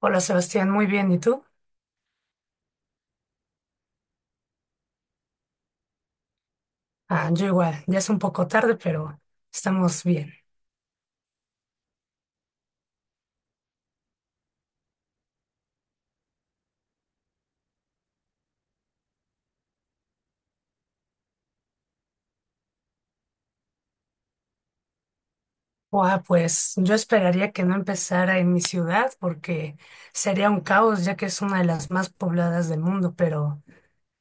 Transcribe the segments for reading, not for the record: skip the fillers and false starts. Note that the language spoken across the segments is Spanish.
Hola Sebastián, muy bien. ¿Y tú? Ah, yo igual, ya es un poco tarde, pero estamos bien. Guau, pues yo esperaría que no empezara en mi ciudad porque sería un caos ya que es una de las más pobladas del mundo, pero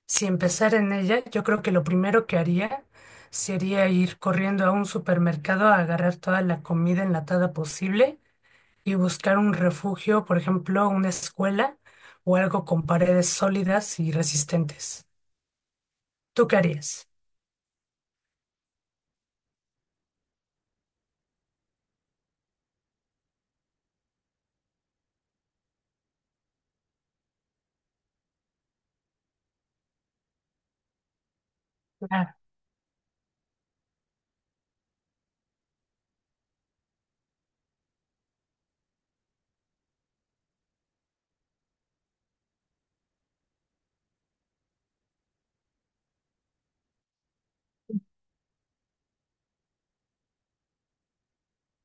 si empezara en ella, yo creo que lo primero que haría sería ir corriendo a un supermercado a agarrar toda la comida enlatada posible y buscar un refugio, por ejemplo, una escuela o algo con paredes sólidas y resistentes. ¿Tú qué harías?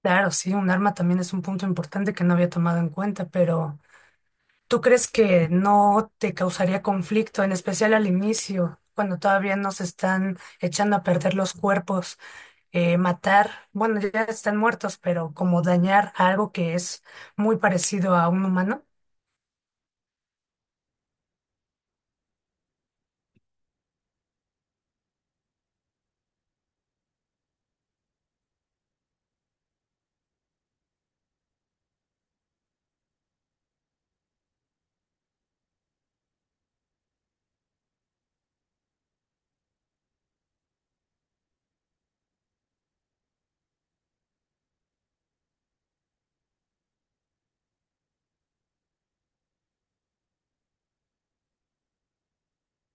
Claro, sí, un arma también es un punto importante que no había tomado en cuenta, pero ¿tú crees que no te causaría conflicto, en especial al inicio, cuando todavía nos están echando a perder los cuerpos, matar, bueno, ya están muertos, pero como dañar a algo que es muy parecido a un humano?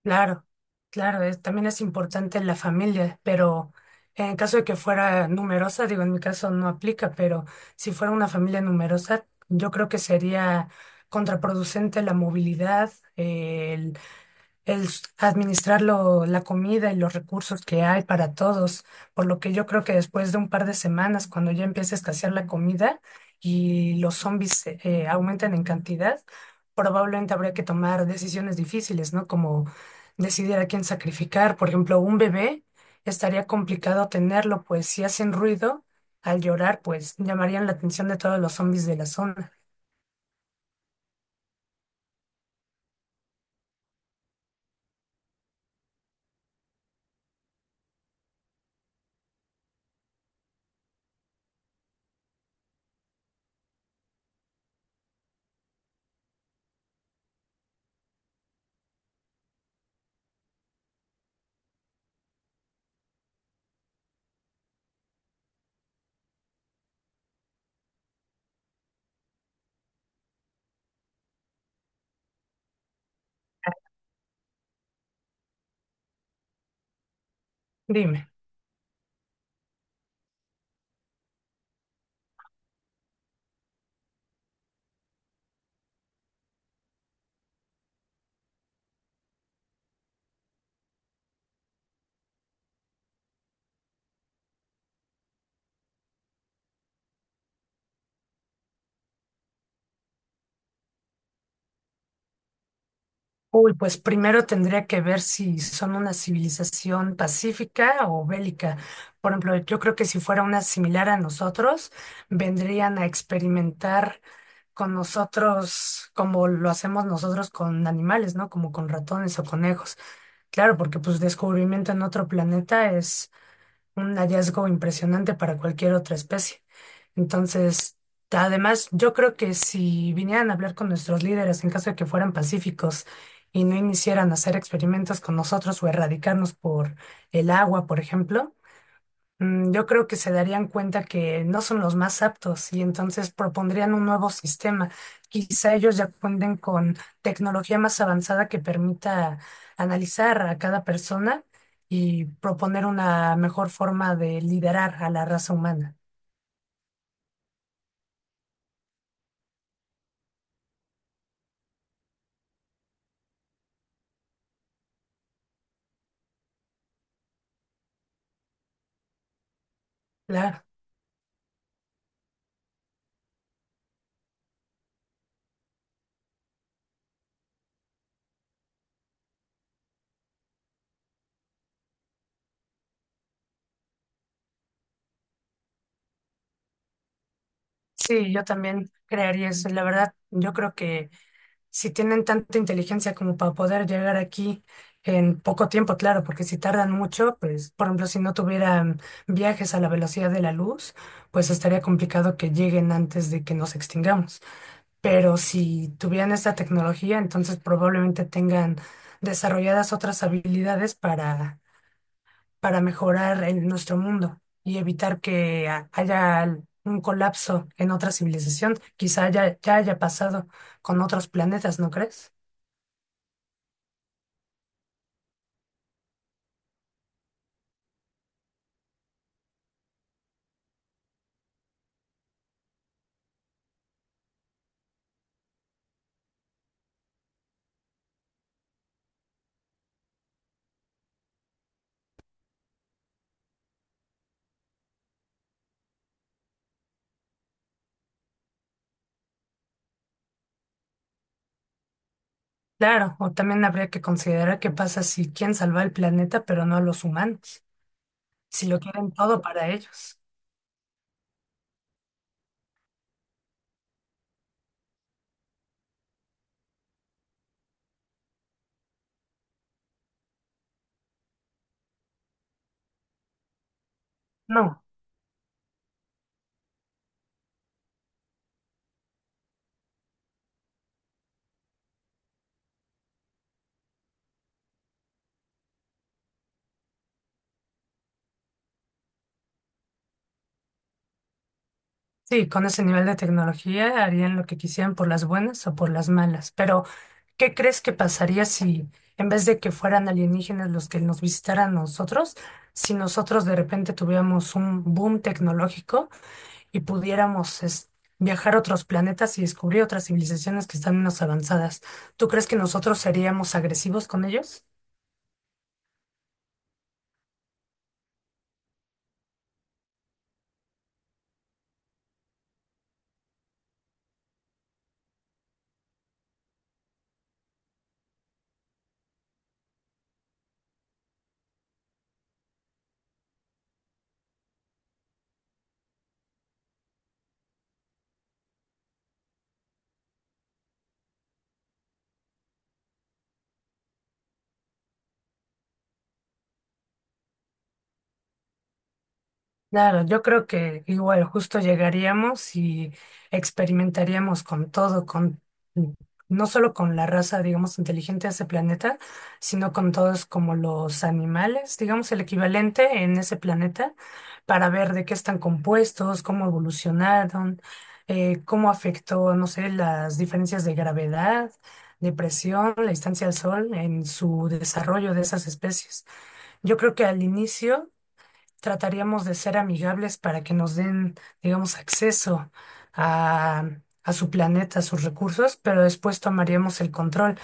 Claro, claro, también es importante la familia, pero en caso de que fuera numerosa, digo, en mi caso no aplica, pero si fuera una familia numerosa, yo creo que sería contraproducente la movilidad, administrar la comida y los recursos que hay para todos, por lo que yo creo que después de un par de semanas, cuando ya empiece a escasear la comida y los zombies aumentan en cantidad, probablemente habría que tomar decisiones difíciles, ¿no? Como decidir a quién sacrificar. Por ejemplo, un bebé estaría complicado tenerlo, pues si hacen ruido al llorar, pues llamarían la atención de todos los zombies de la zona. Dime. Uy, pues primero tendría que ver si son una civilización pacífica o bélica. Por ejemplo, yo creo que si fuera una similar a nosotros, vendrían a experimentar con nosotros como lo hacemos nosotros con animales, ¿no? Como con ratones o conejos. Claro, porque pues descubrimiento en otro planeta es un hallazgo impresionante para cualquier otra especie. Entonces, además, yo creo que si vinieran a hablar con nuestros líderes en caso de que fueran pacíficos y no iniciaran a hacer experimentos con nosotros o erradicarnos por el agua, por ejemplo, yo creo que se darían cuenta que no son los más aptos y entonces propondrían un nuevo sistema. Quizá ellos ya cuenten con tecnología más avanzada que permita analizar a cada persona y proponer una mejor forma de liderar a la raza humana. Claro, sí, yo también crearía eso. La verdad, yo creo que si tienen tanta inteligencia como para poder llegar aquí en poco tiempo, claro, porque si tardan mucho, pues, por ejemplo, si no tuvieran viajes a la velocidad de la luz, pues estaría complicado que lleguen antes de que nos extingamos. Pero si tuvieran esta tecnología, entonces probablemente tengan desarrolladas otras habilidades para mejorar en nuestro mundo y evitar que haya un colapso en otra civilización. Quizá ya haya pasado con otros planetas, ¿no crees? Claro, o también habría que considerar qué pasa si quieren salvar el planeta, pero no a los humanos, si lo quieren todo para ellos. No, sí, con ese nivel de tecnología harían lo que quisieran por las buenas o por las malas, pero ¿qué crees que pasaría si en vez de que fueran alienígenas los que nos visitaran a nosotros, si nosotros de repente tuviéramos un boom tecnológico y pudiéramos viajar a otros planetas y descubrir otras civilizaciones que están menos avanzadas? ¿Tú crees que nosotros seríamos agresivos con ellos? Claro, yo creo que igual justo llegaríamos y experimentaríamos con todo, con no solo con la raza, digamos, inteligente de ese planeta, sino con todos como los animales, digamos, el equivalente en ese planeta, para ver de qué están compuestos, cómo evolucionaron, cómo afectó, no sé, las diferencias de gravedad, de presión, la distancia al sol en su desarrollo de esas especies. Yo creo que al inicio trataríamos de ser amigables para que nos den, digamos, acceso a, a su planeta, a sus recursos, pero después tomaríamos el control.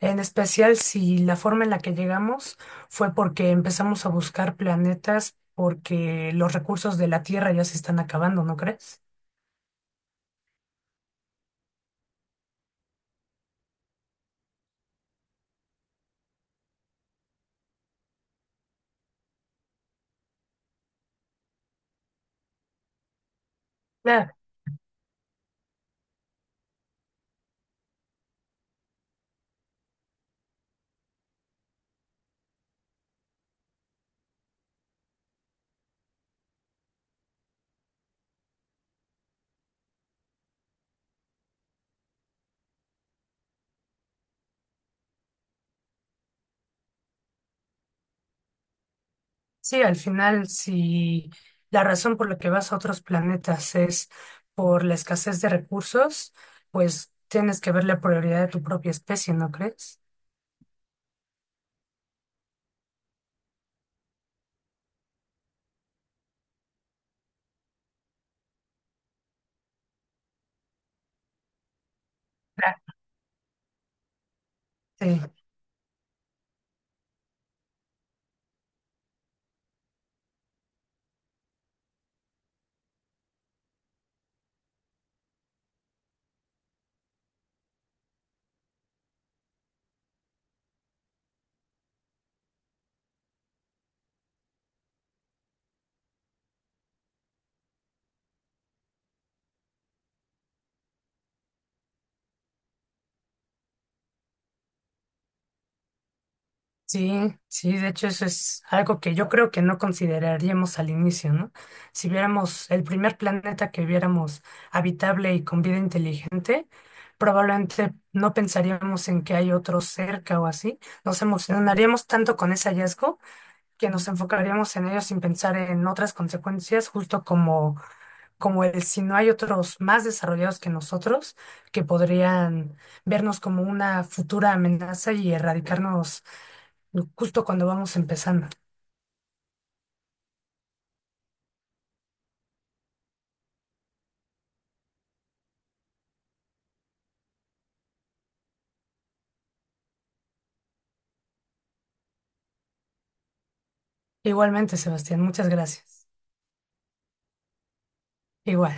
En especial si la forma en la que llegamos fue porque empezamos a buscar planetas porque los recursos de la Tierra ya se están acabando, ¿no crees? Claro, sí, al final, si la razón por la que vas a otros planetas es por la escasez de recursos, pues tienes que ver la prioridad de tu propia especie, ¿no crees? Sí, sí, sí, de hecho eso es algo que yo creo que no consideraríamos al inicio, ¿no? Si viéramos el primer planeta que viéramos habitable y con vida inteligente, probablemente no pensaríamos en que hay otro cerca o así. Nos emocionaríamos tanto con ese hallazgo que nos enfocaríamos en ello sin pensar en otras consecuencias, justo como, como el si no hay otros más desarrollados que nosotros que podrían vernos como una futura amenaza y erradicarnos justo cuando vamos empezando. Igualmente, Sebastián, muchas gracias. Igual.